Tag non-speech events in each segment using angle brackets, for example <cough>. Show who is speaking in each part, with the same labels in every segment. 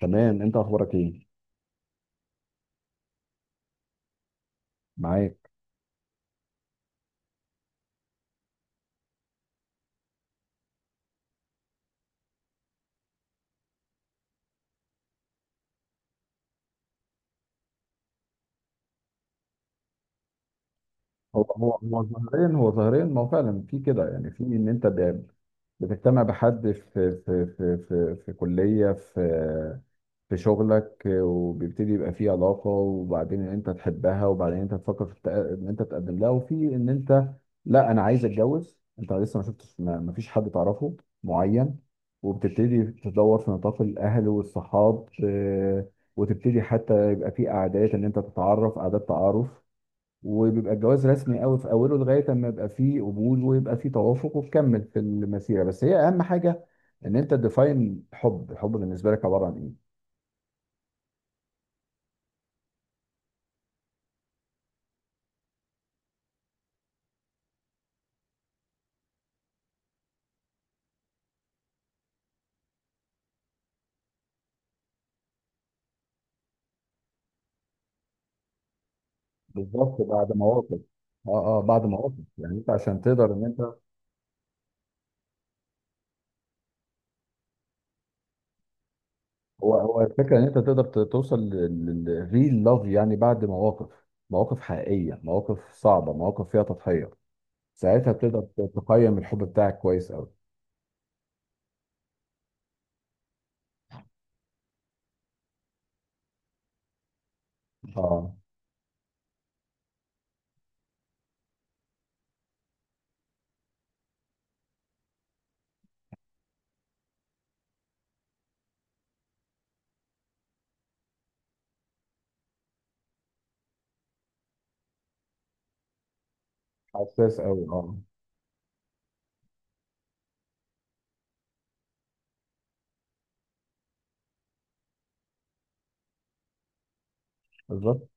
Speaker 1: تمام. انت اخبارك ايه؟ معاك. هو ظاهريا، ما هو فعلا في كده، يعني في ان انت بتجتمع بحد في كليه، في شغلك، وبيبتدي يبقى في علاقه، وبعدين ان انت تحبها، وبعدين انت تفكر في ان انت تقدم لها، وفي ان انت لا، انا عايز اتجوز، انت لسه ما شفتش، ما فيش حد تعرفه معين، وبتبتدي تدور في نطاق الاهل والصحاب، وتبتدي حتى يبقى في قعدات ان انت تتعرف، قعدات تعارف، وبيبقى الجواز رسمي قوي في اوله لغايه اما يبقى فيه قبول ويبقى فيه توافق وتكمل في المسيره، بس هي اهم حاجه ان انت تديفاين الحب بالنسبه لك عباره عن ايه؟ بالظبط، بعد مواقف. اه. اه، بعد مواقف، يعني انت عشان تقدر ان انت. هو الفكره ان انت تقدر توصل للريل لاف يعني بعد مواقف، مواقف حقيقيه، مواقف صعبه، مواقف فيها تضحيه، ساعتها بتقدر تقيم الحب بتاعك كويس قوي. اه. حساس قوي، اه. بالظبط.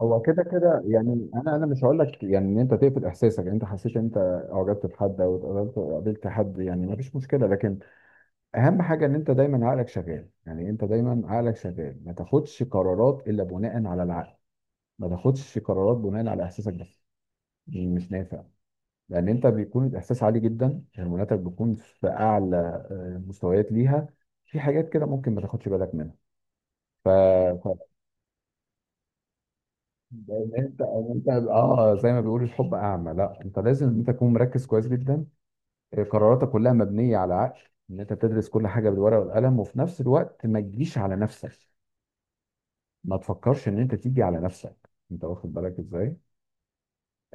Speaker 1: هو كده كده، يعني انا مش هقول لك يعني ان انت تقفل احساسك، يعني انت حسيت ان انت اعجبت بحد، او قابلت حد، يعني ما فيش مشكله، لكن اهم حاجه ان انت دايما عقلك شغال، يعني انت دايما عقلك شغال، ما تاخدش قرارات الا بناء على العقل، ما تاخدش قرارات بناء على احساسك بس، مش نافع، لان انت بيكون الاحساس عالي جدا، هرموناتك بتكون في اعلى مستويات ليها، في حاجات كده ممكن ما تاخدش بالك منها. ف... لان انت إن انت اه زي ما بيقولوا الحب اعمى، لا، انت لازم ان انت تكون مركز كويس جدا، قراراتك كلها مبنيه على عقل، ان انت بتدرس كل حاجه بالورقه والقلم، وفي نفس الوقت ما تجيش على نفسك، ما تفكرش ان انت تيجي على نفسك، انت واخد بالك ازاي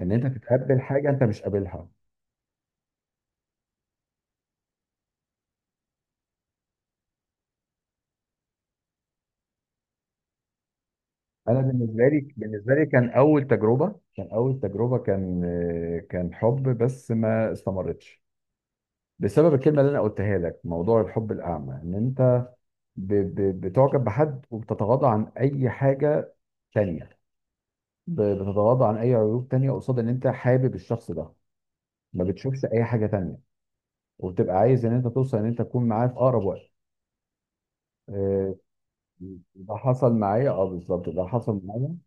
Speaker 1: ان انت تتقبل حاجه انت مش قابلها. انا بالنسبه لي، كان اول تجربه، كان حب، بس ما استمرتش بسبب الكلمه اللي انا قلتها لك، موضوع الحب الاعمى، ان انت بتعجب بحد، وبتتغاضى عن اي حاجه تانية، بتتغاضى عن اي عيوب تانية قصاد ان انت حابب الشخص ده، ما بتشوفش اي حاجه تانية، وبتبقى عايز ان انت توصل، ان انت تكون معاه في اقرب وقت. آه، ده حصل معايا، اه بالظبط، ده حصل معايا.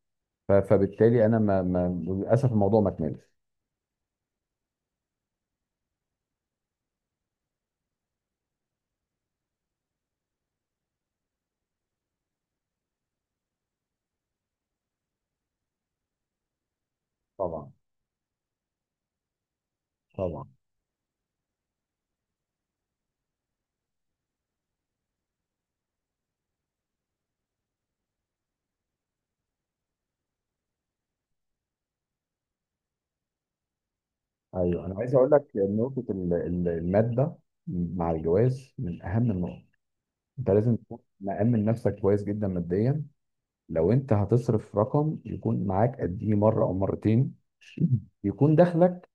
Speaker 1: فبالتالي انا، ما ما للاسف الموضوع ما كملش. طبعا، طبعا. ايوه، انا عايز اقول لك نقطه الماده مع الجواز من اهم النقط، انت لازم تكون مأمن نفسك كويس جدا ماديا، لو انت هتصرف رقم يكون معاك قديه مره او مرتين، يكون دخلك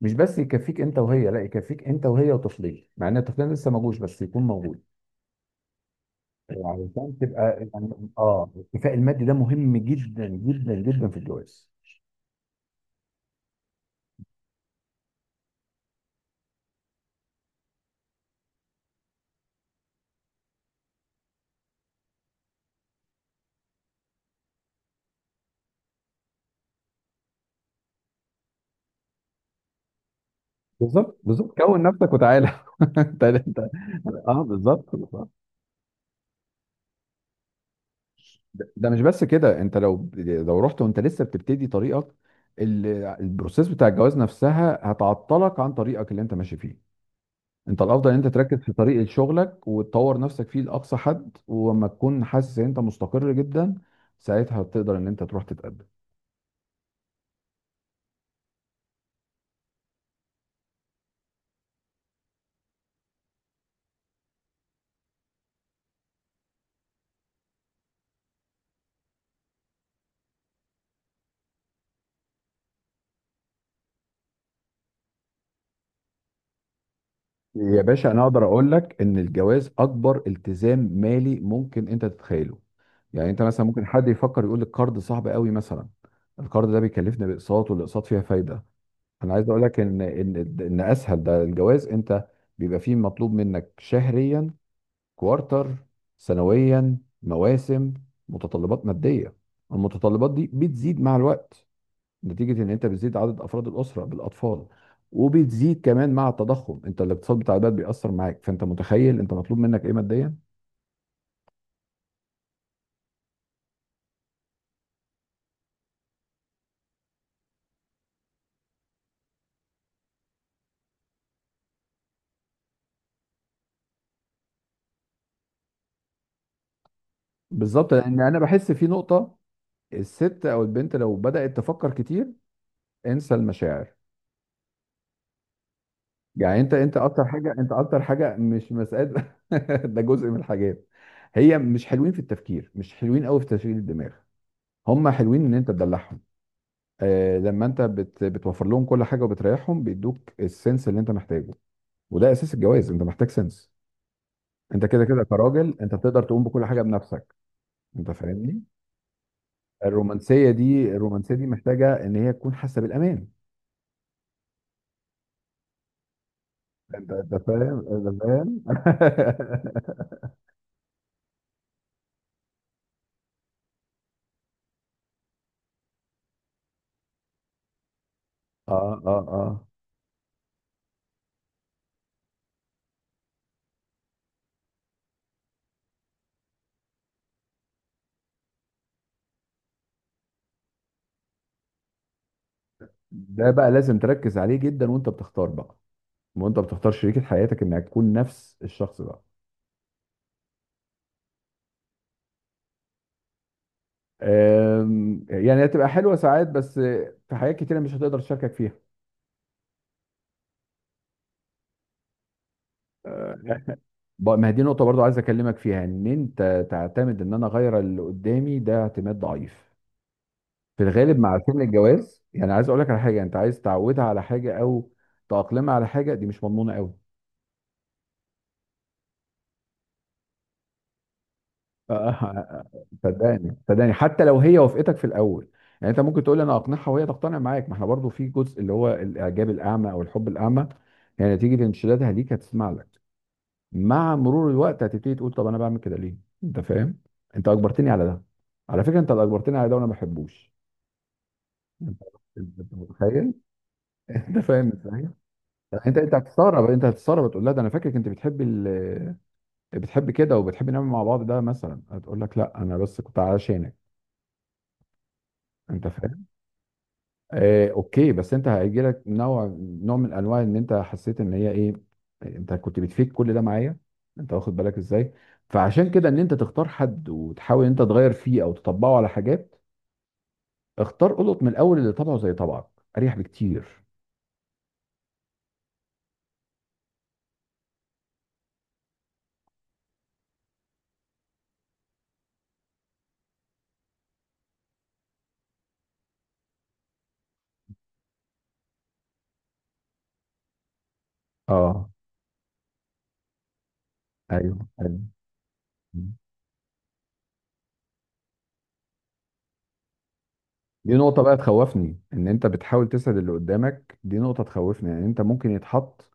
Speaker 1: مش بس يكفيك انت وهي، لا، يكفيك انت وهي وطفلين، مع ان الطفلين لسه ما جوش، بس يكون موجود علشان تبقى، يعني الاكتفاء المادي ده مهم جدا جدا جدا في الجواز. بالظبط، بالظبط، كون نفسك وتعالى. <laughs> انت، اه، بالظبط، بالظبط. ده مش بس كده، انت لو رحت وانت لسه بتبتدي طريقك، ال- البروسيس بتاع الجواز نفسها هتعطلك عن طريقك اللي انت ماشي فيه، انت الافضل ان انت تركز في طريقة شغلك وتطور نفسك فيه لاقصى حد، ولما تكون حاسس ان انت مستقر جدا، ساعتها تقدر ان انت تروح تتقدم. يا باشا، انا اقدر اقول لك ان الجواز اكبر التزام مالي ممكن انت تتخيله، يعني انت مثلا ممكن حد يفكر يقول لك قرض صعب قوي مثلا، القرض ده بيكلفني باقساط والاقساط فيها فايدة، انا عايز اقول لك ان اسهل ده الجواز، انت بيبقى فيه مطلوب منك شهريا، كوارتر، سنويا، مواسم، متطلبات ماديه، المتطلبات دي بتزيد مع الوقت نتيجه ان انت بتزيد عدد افراد الاسره بالاطفال، وبتزيد كمان مع التضخم، انت الاقتصاد بتاع البلد بيأثر معاك، فانت متخيل انت مطلوب منك ايه ماديا. بالظبط، لان انا بحس في نقطه، الست او البنت لو بدأت تفكر كتير انسى المشاعر. يعني انت اكتر حاجه، مش مسألة. <laughs> ده جزء من الحاجات، هي مش حلوين في التفكير، مش حلوين قوي في تشغيل الدماغ، هم حلوين ان انت تدلعهم، آه، لما انت بتوفر لهم كل حاجه وبتريحهم بيدوك السنس اللي انت محتاجه، وده اساس الجواز، انت محتاج سنس، انت كده كده كراجل، انت بتقدر تقوم بكل حاجه بنفسك. انت فاهمني. الرومانسيه دي محتاجه ان هي تكون حاسه بالامان. انت فاهم، انت فاهم. <laughs> اه، اه، اه. ده بقى لازم تركز عليه جدا وانت بتختار بقى، وانت بتختار شريكة حياتك انها تكون نفس الشخص ده. أم، يعني هتبقى حلوه ساعات بس، في حاجات كتيره مش هتقدر تشاركك فيها. أه، ما هي دي نقطه برضو عايز اكلمك فيها، ان انت تعتمد ان انا اغير اللي قدامي ده اعتماد ضعيف في الغالب مع سن الجواز، يعني عايز اقول لك على حاجه، انت عايز تعودها على حاجه، او تأقلمها على حاجه، دي مش مضمونه قوي. أه، <laughs> صدقني، صدقني، حتى لو هي وافقتك في الاول، يعني انت ممكن تقول انا اقنعها وهي تقتنع معاك، ما احنا برضو في جزء، اللي هو الاعجاب الاعمى او الحب الاعمى، يعني نتيجه انشدادها ليك هتسمع لك، مع مرور الوقت هتبتدي تقول طب انا بعمل كده ليه؟ انت فاهم؟ انت اجبرتني على ده، على فكره انت اللي اجبرتني على ده وانا ما بحبوش. انت متخيل؟ <laughs> انت فاهم ازاي؟ يعني انت هتستغرب تقول لها ده انا فاكرك انت بتحبي بتحبي كده وبتحبي نعمل مع بعض ده مثلا، هتقول لك لا انا بس كنت علشانك. انت فاهم؟ آه، اوكي، بس انت هيجيلك نوع من انواع ان انت حسيت ان هي ايه؟ انت كنت بتفيد كل ده معايا. انت واخد بالك ازاي؟ فعشان كده ان انت تختار حد وتحاول ان انت تغير فيه او تطبقه على حاجات، اختار قلط من الاول اللي طبعه زي طبعك، اريح بكتير. اه، ايوه، ايوه. دي نقطة بقى تخوفني، ان انت بتحاول تسعد اللي قدامك، دي نقطة تخوفني، يعني انت ممكن يتحط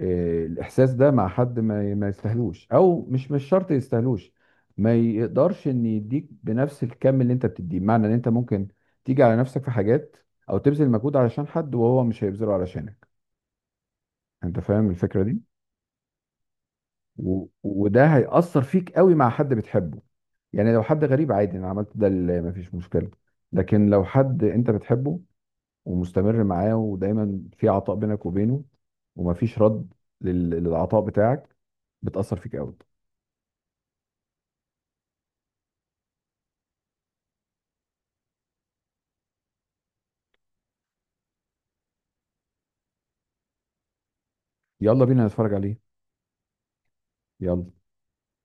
Speaker 1: الاحساس ده مع حد ما يستاهلوش، او مش شرط يستاهلوش، ما يقدرش ان يديك بنفس الكم اللي انت بتديه، بمعنى ان انت ممكن تيجي على نفسك في حاجات، او تبذل مجهود علشان حد وهو مش هيبذله علشانك، انت فاهم الفكرة دي؟ وده هيأثر فيك قوي مع حد بتحبه، يعني لو حد غريب عادي انا عملت ده اللي مفيش مشكلة، لكن لو حد انت بتحبه ومستمر معاه ودايما في عطاء بينك وبينه، ومفيش رد للعطاء بتاعك، بتأثر فيك قوي. يلا بينا نتفرج عليه. يلا.